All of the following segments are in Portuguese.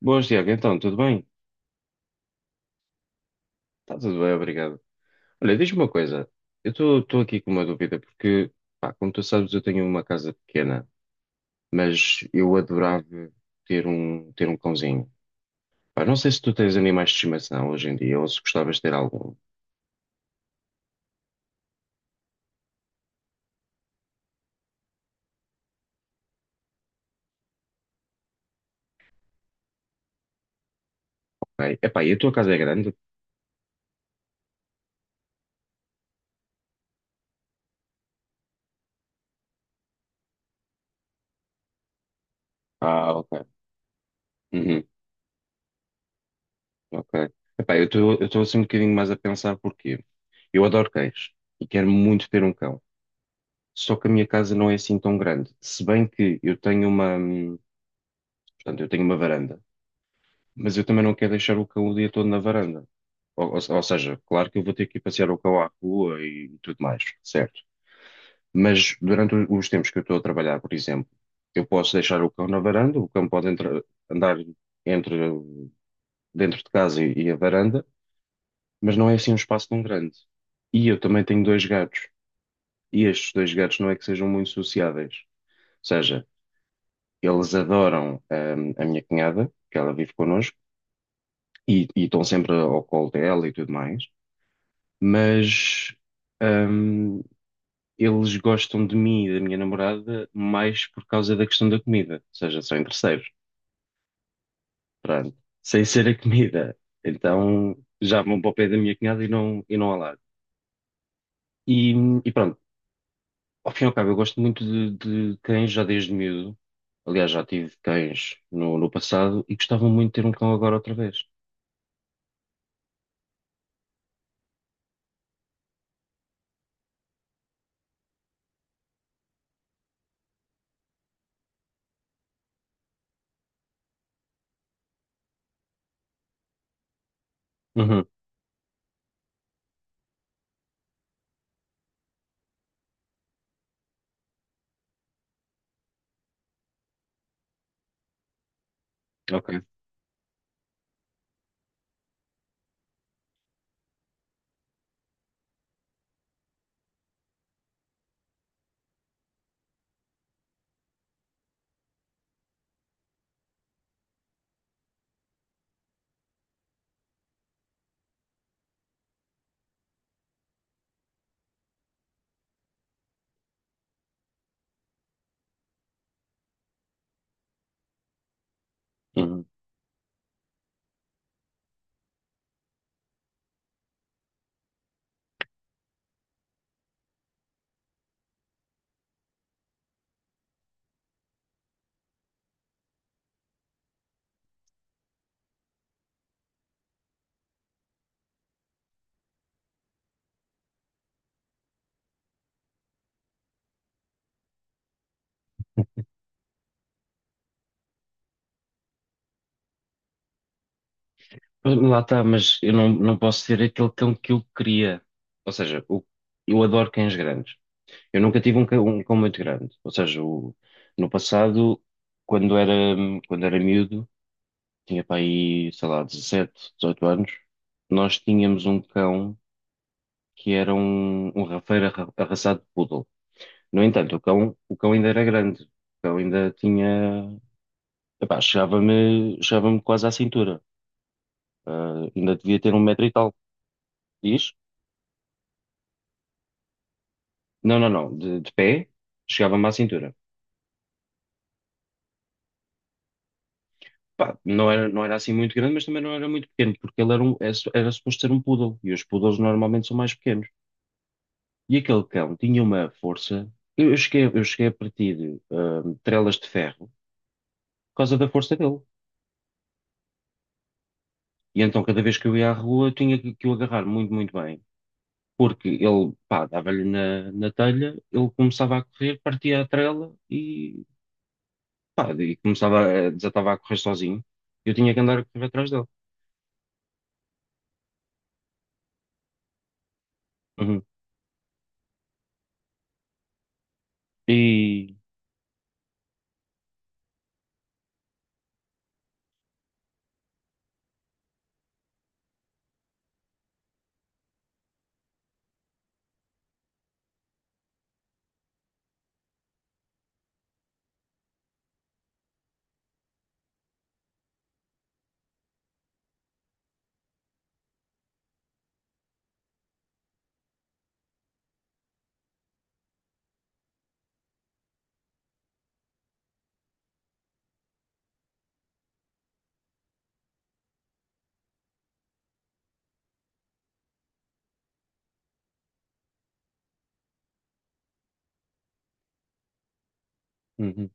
Boas, Tiago. Então, tudo bem? Está tudo bem, obrigado. Olha, diz-me uma coisa. Eu estou aqui com uma dúvida, porque, pá, como tu sabes, eu tenho uma casa pequena, mas eu adorava ter um cãozinho. Pá, não sei se tu tens animais de estimação hoje em dia, ou se gostavas de ter algum. Ok. Epá, e a tua casa é grande? Ah, ok. Uhum, ok. Epá, eu estou assim um bocadinho mais a pensar porque eu adoro cães e quero muito ter um cão. Só que a minha casa não é assim tão grande. Se bem que eu tenho uma. Portanto, eu tenho uma varanda, mas eu também não quero deixar o cão o dia todo na varanda. Ou seja, claro que eu vou ter que ir passear o cão à rua e tudo mais, certo? Mas durante os tempos que eu estou a trabalhar, por exemplo, eu posso deixar o cão na varanda, o cão pode andar entre, dentro de casa e a varanda, mas não é assim um espaço tão grande. E eu também tenho dois gatos, e estes dois gatos não é que sejam muito sociáveis. Ou seja, eles adoram, a minha cunhada, que ela vive connosco e estão sempre ao colo dela e tudo mais, mas hum, eles gostam de mim e da minha namorada mais por causa da questão da comida, ou seja, são interesseiros, pronto, sem ser a comida. Então já vão para o pé da minha cunhada e não ao lado. E, e pronto, ao fim e ao cabo, eu gosto muito de cães já desde miúdo. Aliás, já tive cães no passado e gostava muito de ter um cão agora outra vez. Uhum, ok. Uhum. Lá está, mas eu não posso ter aquele cão que eu queria. Ou seja, eu adoro cães grandes. Eu nunca tive um cão muito grande. Ou seja, no passado, quando era, quando era miúdo, tinha para aí, sei lá, 17, 18 anos, nós tínhamos um cão que era um rafeiro arraçado de poodle. No entanto, o cão ainda era grande. O cão ainda tinha. Epá, chegava-me quase à cintura. Ah, ainda devia ter um metro e tal. Diz? Não, não, não. De pé, chegava-me à cintura. Pá, não era assim muito grande, mas também não era muito pequeno, porque ele era suposto ser um poodle, e os poodles normalmente são mais pequenos. E aquele cão tinha uma força. Eu cheguei a partir trelas de ferro por causa da força dele. E então, cada vez que eu ia à rua, eu tinha que o agarrar muito, muito bem. Porque ele, pá, dava-lhe na telha, ele começava a correr, partia a trela e, pá, e desatava a correr sozinho. Eu tinha que andar a correr atrás dele. Uhum. E, uhum,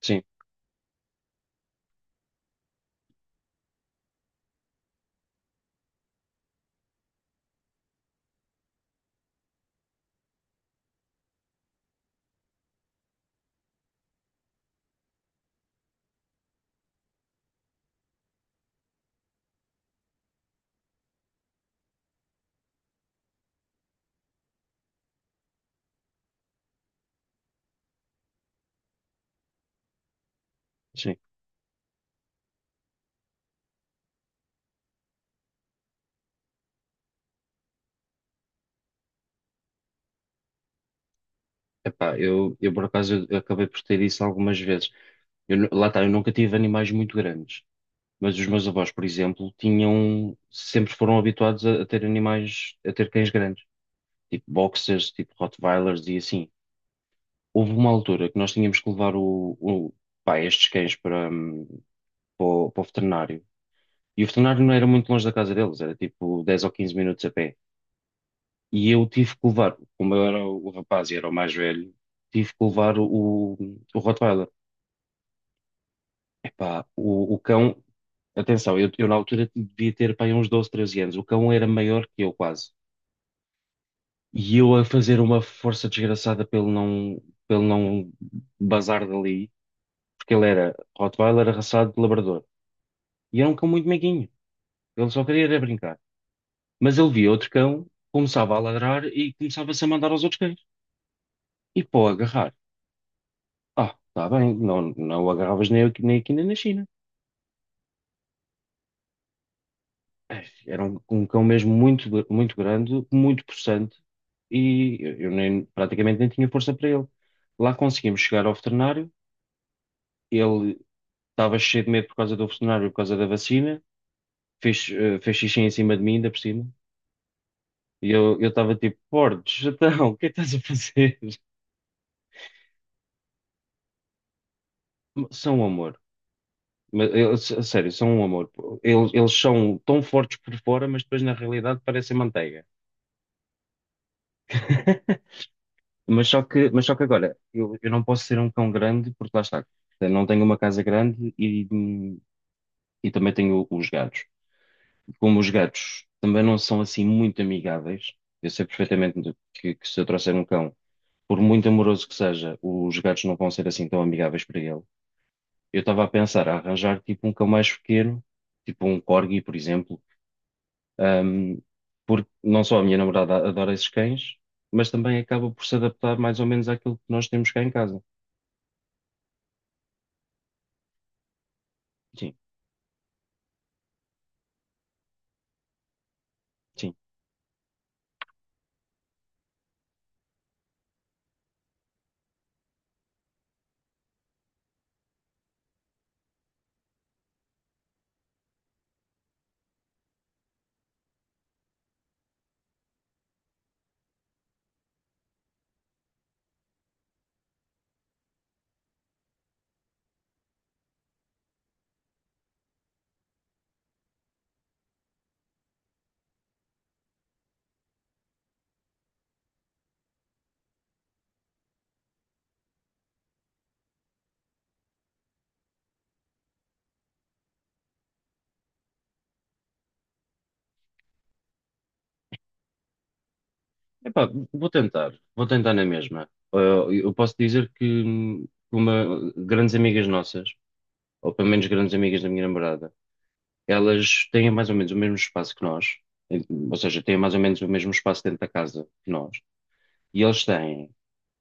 sim, sim. Epá, eu por acaso eu acabei por ter isso algumas vezes. Lá está, eu nunca tive animais muito grandes, mas os meus avós, por exemplo, tinham, sempre foram habituados a ter animais, a ter cães grandes, tipo boxers, tipo Rottweilers e assim. Houve uma altura que nós tínhamos que levar pá, estes cães para o veterinário. E o veterinário não era muito longe da casa deles, era tipo 10 ou 15 minutos a pé. E eu tive que levar, como eu era o rapaz e era o mais velho, tive que levar o Rottweiler. Epá, o cão, atenção, eu na altura devia ter pá, aí uns 12 13 anos. O cão era maior que eu quase. E eu a fazer uma força desgraçada pelo não bazar dali, porque ele era Rottweiler arraçado de labrador. E era um cão muito meiguinho. Ele só queria era brincar. Mas ele via outro cão, começava a ladrar e começava-se a mandar aos outros cães. E pô, agarrar. Ah, está bem, não, não o agarravas nem aqui, nem aqui nem na China. Ai, era um cão mesmo muito, muito grande, muito possante e eu nem, praticamente nem tinha força para ele. Lá conseguimos chegar ao veterinário, ele estava cheio de medo por causa do veterinário, por causa da vacina, fez xixi em cima de mim, ainda por cima, e eu estava tipo, Bordes, então, o que é que estás a fazer? São um amor. Mas, eles, a sério, são um amor. Eles são tão fortes por fora, mas depois na realidade parecem manteiga. Mas só que agora, eu não posso ser um cão grande porque lá está. Eu não tenho uma casa grande e também tenho os gatos. Como os gatos também não são assim muito amigáveis, eu sei perfeitamente que se eu trouxer um cão, por muito amoroso que seja, os gatos não vão ser assim tão amigáveis para ele. Eu estava a pensar a arranjar tipo um cão mais pequeno, tipo um corgi, por exemplo, ahm, porque não só a minha namorada adora esses cães, mas também acaba por se adaptar mais ou menos àquilo que nós temos cá em casa. Sim. Epá, vou tentar na mesma. Eu posso dizer que grandes amigas nossas, ou pelo menos grandes amigas da minha namorada, elas têm mais ou menos o mesmo espaço que nós, em- ou seja, têm mais ou menos o mesmo espaço dentro da casa que nós. E eles têm,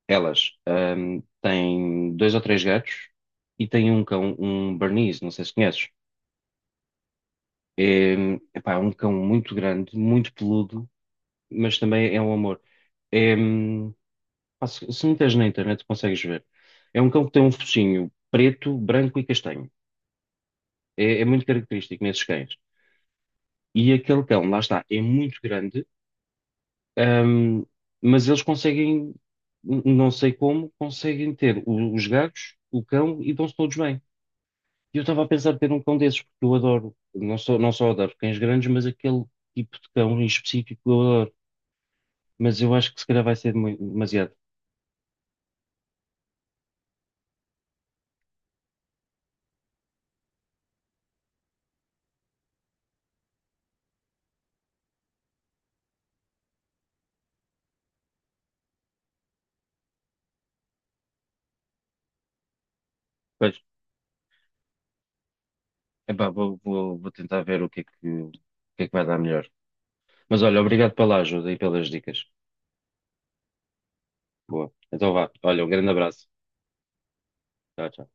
elas têm dois ou três gatos e têm um cão, um Bernese, não sei se conheces. Epá, é um cão muito grande, muito peludo, mas também é um amor. É, hum, Pá, se meteres na internet, consegues ver. É um cão que tem um focinho preto, branco e castanho. É muito característico nesses cães. E aquele cão, lá está, é muito grande, ahm, mas eles conseguem, não sei como, conseguem ter os gatos, o cão e dão-se todos bem. E eu estava a pensar em ter um cão desses, porque eu adoro, não só adoro cães grandes, mas aquele tipo de cão em específico eu adoro. Mas eu acho que se calhar vai ser demasiado. Pois, epá, vou tentar ver o que é que, o que é que vai dar melhor. Mas olha, obrigado pela ajuda e pelas dicas. Boa. Então vá. Olha, um grande abraço. Tchau, tchau.